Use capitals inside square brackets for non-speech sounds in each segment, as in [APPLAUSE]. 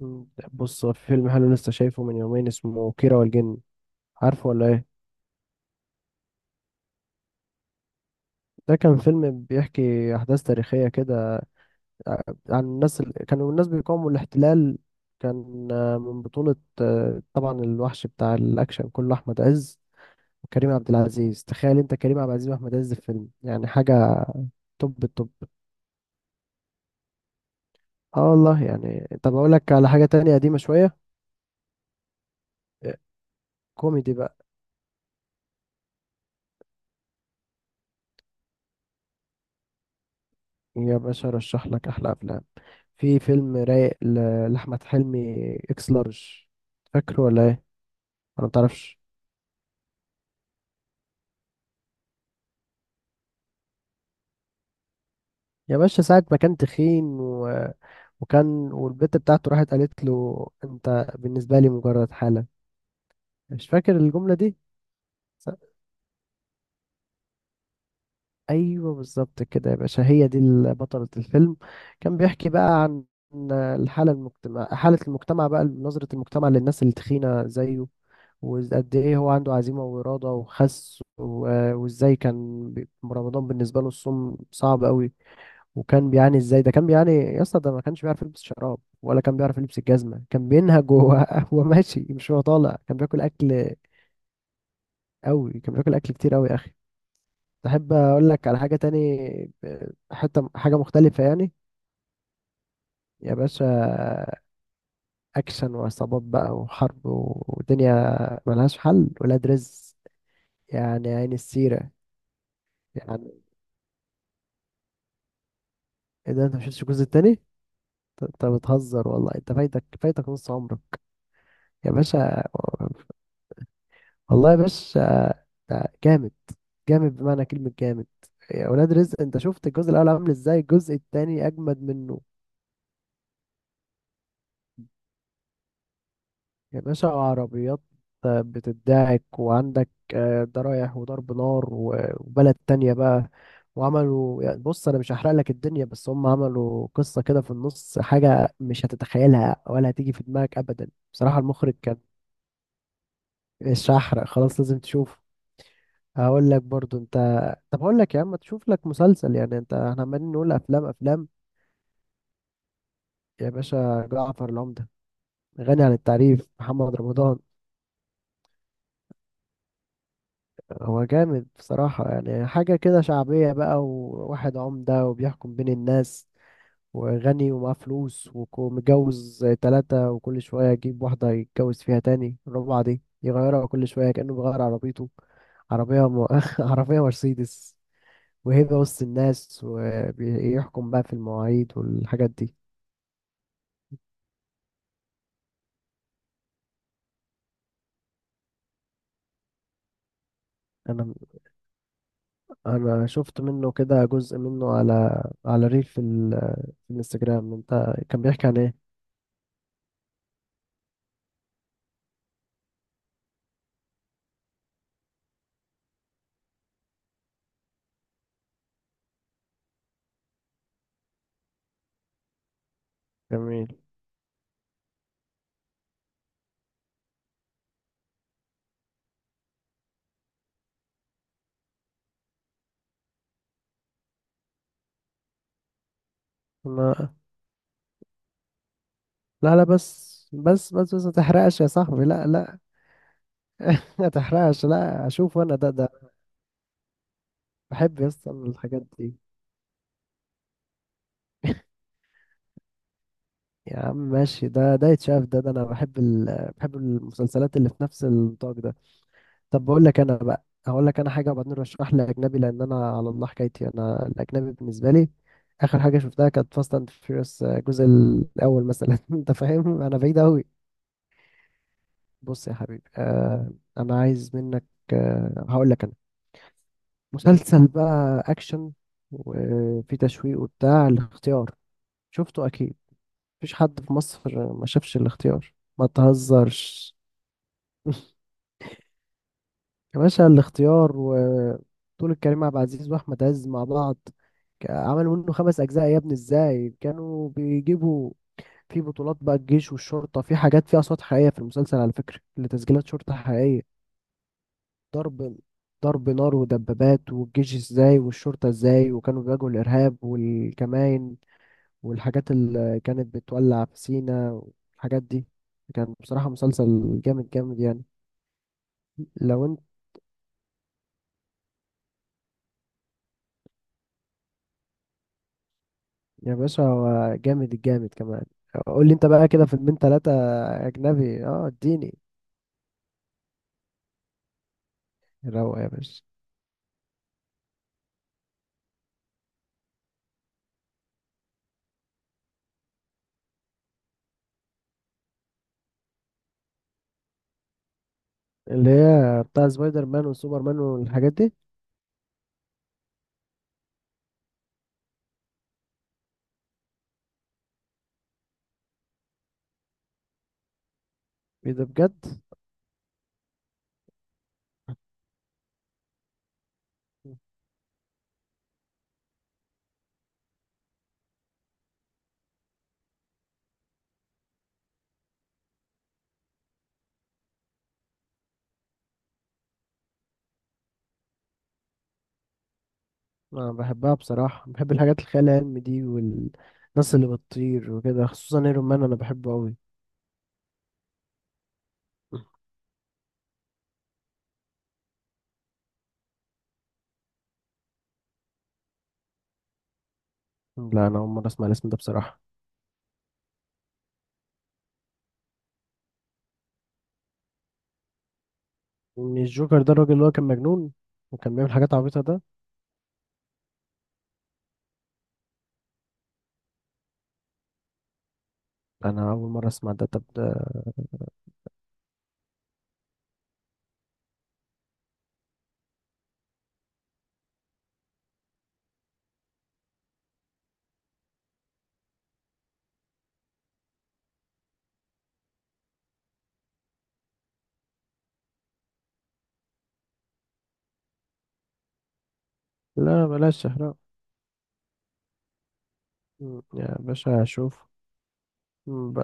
مم. بص هو في فيلم حلو لسه شايفه من يومين اسمه كيرة والجن، عارفه ولا ايه؟ ده كان فيلم بيحكي احداث تاريخيه كده عن كانوا الناس بيقاوموا الاحتلال. كان من بطوله، طبعا الوحش بتاع الاكشن كله احمد عز وكريم عبد العزيز. تخيل انت كريم عبد العزيز واحمد عز في فيلم، يعني حاجه توب التوب. اه والله. يعني طب اقول لك على حاجه تانية قديمه شويه. آه، كوميدي بقى. يا باشا ارشح لك احلى افلام. في فيلم رايق لأحمد حلمي، اكس لارج. فاكره ولا ايه؟ انا متعرفش. يا باشا ساعة ما كان تخين وكان والبت بتاعته راحت قالت له: انت بالنسبة لي مجرد حالة. مش فاكر الجملة دي؟ ايوه بالظبط كده يا باشا، هي دي بطلة الفيلم. كان بيحكي بقى عن الحالة المجتمع حالة المجتمع بقى، نظرة المجتمع للناس التخينة زيه، وقد ايه هو عنده عزيمة وإرادة وخس، وازاي كان رمضان بالنسبة له الصوم صعب قوي. وكان بيعاني ازاي، ده كان بيعاني يا اسطى، ده ما كانش بيعرف يلبس شراب ولا كان بيعرف يلبس الجزمة، كان بينهج وهو [LAUGHS] وهو ماشي، مش هو طالع، كان بياكل أكل قوي، كان بياكل أكل كتير قوي يا أخي. تحب اقول لك على حاجة تاني؟ حتة حاجة مختلفة يعني. يا باشا اكشن وعصابات بقى وحرب ودنيا، ملهاش حل، ولاد رزق، يعني عين السيرة يعني. ايه ده، انت مشفتش الجزء التاني؟ انت بتهزر والله، انت فايتك، فايتك نص عمرك يا باشا. والله يا باشا ده جامد، جامد بمعنى كلمة جامد. يا ولاد رزق انت شفت الجزء الاول عامل ازاي، الجزء التاني اجمد منه. يا باشا عربيات بتدعك وعندك، ده رايح وضرب نار وبلد تانية بقى. وعملوا يعني، بص أنا مش هحرق لك الدنيا، بس هم عملوا قصة كده في النص حاجة مش هتتخيلها ولا هتيجي في دماغك أبدا. بصراحة المخرج كان. مش هحرق خلاص، لازم تشوفه. هقول لك برضو أنت. طب هقول لك يا عم تشوف لك مسلسل، يعني أنت احنا عمالين نقول أفلام أفلام. يا باشا جعفر العمدة، غني عن التعريف، محمد رمضان. هو جامد بصراحة، يعني حاجة كده شعبية بقى، وواحد عمدة وبيحكم بين الناس، وغني ومعاه فلوس، ومتجوز تلاتة وكل شوية يجيب واحدة يتجوز فيها، تاني الرابعة دي يغيرها كل شوية كأنه بيغير عربيته. عربية م... [LAUGHS] عربية مرسيدس، وهيبة وسط الناس، وبيحكم بقى في المواعيد والحاجات دي. أنا أنا شفت منه كده جزء منه على على ريل في، في الانستجرام. أنت كان بيحكي عن إيه؟ جميل. أنا لا لا، بس ما تحرقش يا صاحبي، لا لا. [LAUGHS] ما تحرقش، لا اشوف انا ده ده. بحب يصل الحاجات دي. يا عم ماشي، ده ده يتشاف ده ده، انا بحب بحب المسلسلات اللي في نفس النطاق ده. طب بقول لك انا بقى، هقول لك انا حاجه وبعدين رشح لي اجنبي، لان انا على الله حكايتي انا، الاجنبي بالنسبه لي اخر حاجه شفتها كانت فاست اند فيوريوس الجزء الاول مثلا. [LAUGHS] انت فاهم، انا بعيد قوي. بص يا حبيبي، آه، انا عايز منك، آه هقول لك، مسلسل بقى اكشن وفي تشويق وبتاع، الاختيار. شفته اكيد؟ مفيش حد في مصر ما شافش الاختيار، ما تهزرش. يا باشا الاختيار، وبطولة كريم عبد العزيز واحمد عز مع بعض. عملوا منه خمس اجزاء يا ابني، ازاي كانوا بيجيبوا في بطولات بقى الجيش والشرطة، في حاجات فيها اصوات حقيقية في المسلسل على فكرة، اللي تسجيلات شرطة حقيقية. ضرب ضرب نار ودبابات، والجيش ازاي والشرطة ازاي، وكانوا بيواجهوا الارهاب والكمائن والحاجات اللي كانت بتولع في سينا والحاجات دي. كان بصراحة مسلسل جامد جامد يعني. لو انت. يا باشا هو جامد الجامد كمان. قول لي انت بقى كده فيلمين تلاتة أجنبي، اه اديني. روق يا باشا. اللي هي بتاع سبايدر مان وسوبر مان والحاجات دي. ايه ده بجد. انا بحبها بصراحة، بحب الحاجات الخيال العلمي دي والناس اللي بتطير وكده، خصوصا ايرون مان انا بحبه قوي. لا انا اول مرة اسمع الاسم ده بصراحة. مش جوكر ده الراجل اللي هو كان مجنون وكان بيعمل حاجات عبيطة ده. أنا أول مرة أسمع ده، طب ده. لا بلاش شهرة. يا باشا أشوف. مم،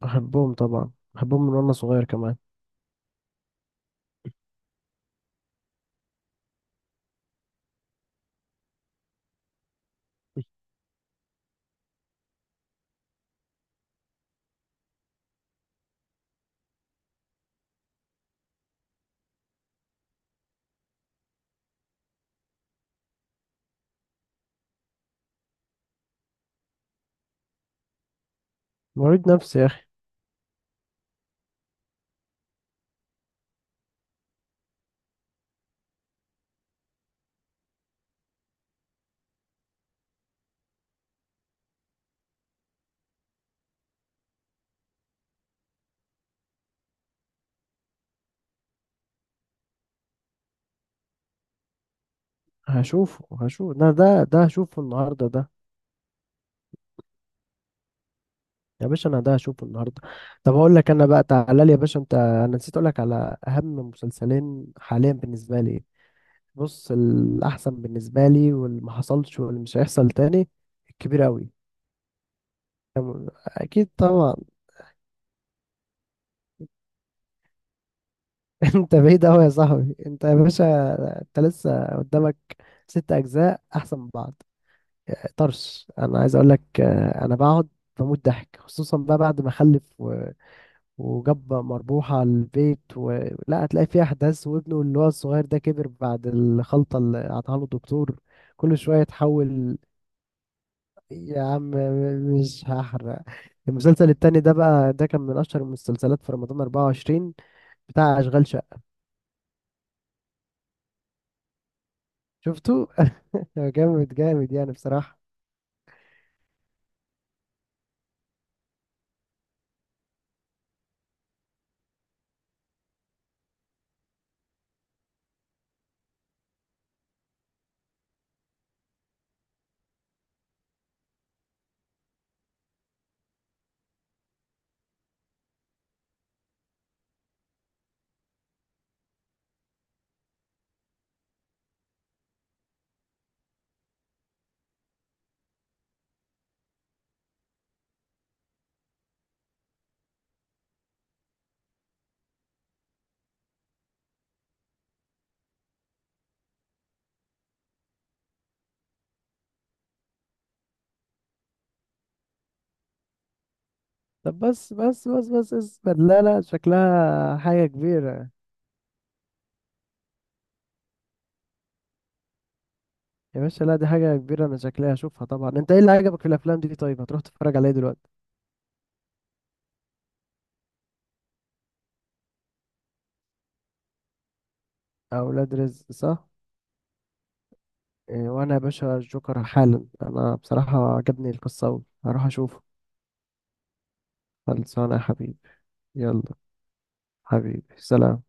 بحبهم طبعا، بحبهم من وأنا صغير كمان. مريض نفسي يا أخي. هشوفه، هشوف ده، ده هشوفه النهاردة ده. يا باشا أنا ده هشوفه النهاردة. طب أقول لك أنا بقى، تعالى لي يا باشا أنت، أنا نسيت أقول لك على أهم مسلسلين حاليا بالنسبة لي. بص الأحسن بالنسبة لي واللي ما حصلش واللي مش هيحصل تاني، الكبير أوي. أكيد طبعا. [LAUGHS] انت بعيد قوي يا صاحبي انت، يا باشا انت لسه قدامك ست اجزاء احسن من بعض. طرش. انا عايز اقول لك، انا بقعد بموت ضحك خصوصا بقى بعد ما خلف وجاب مربوحة على البيت لا هتلاقي فيه احداث، وابنه اللي هو الصغير ده كبر بعد الخلطة اللي قطعها له الدكتور، كل شوية يتحول. يا عم مش هحرق. المسلسل التاني ده بقى، ده كان من اشهر المسلسلات في رمضان 24، بتاع اشغال شقة. شفته؟ جامد جامد يعني بصراحة. طب بس اصبر، لا لا شكلها حاجة كبيرة. يا باشا لا، دي حاجة كبيرة، أنا شكلها هشوفها طبعا. أنت إيه اللي عجبك في الأفلام دي؟ طيب هتروح تتفرج عليها دلوقتي؟ أولاد رزق، صح؟ إيه وأنا يا باشا الجوكر حالا، أنا بصراحة عجبني القصة أوي، هروح أشوفه. خلصانة يا حبيبي. يلا حبيبي، سلام.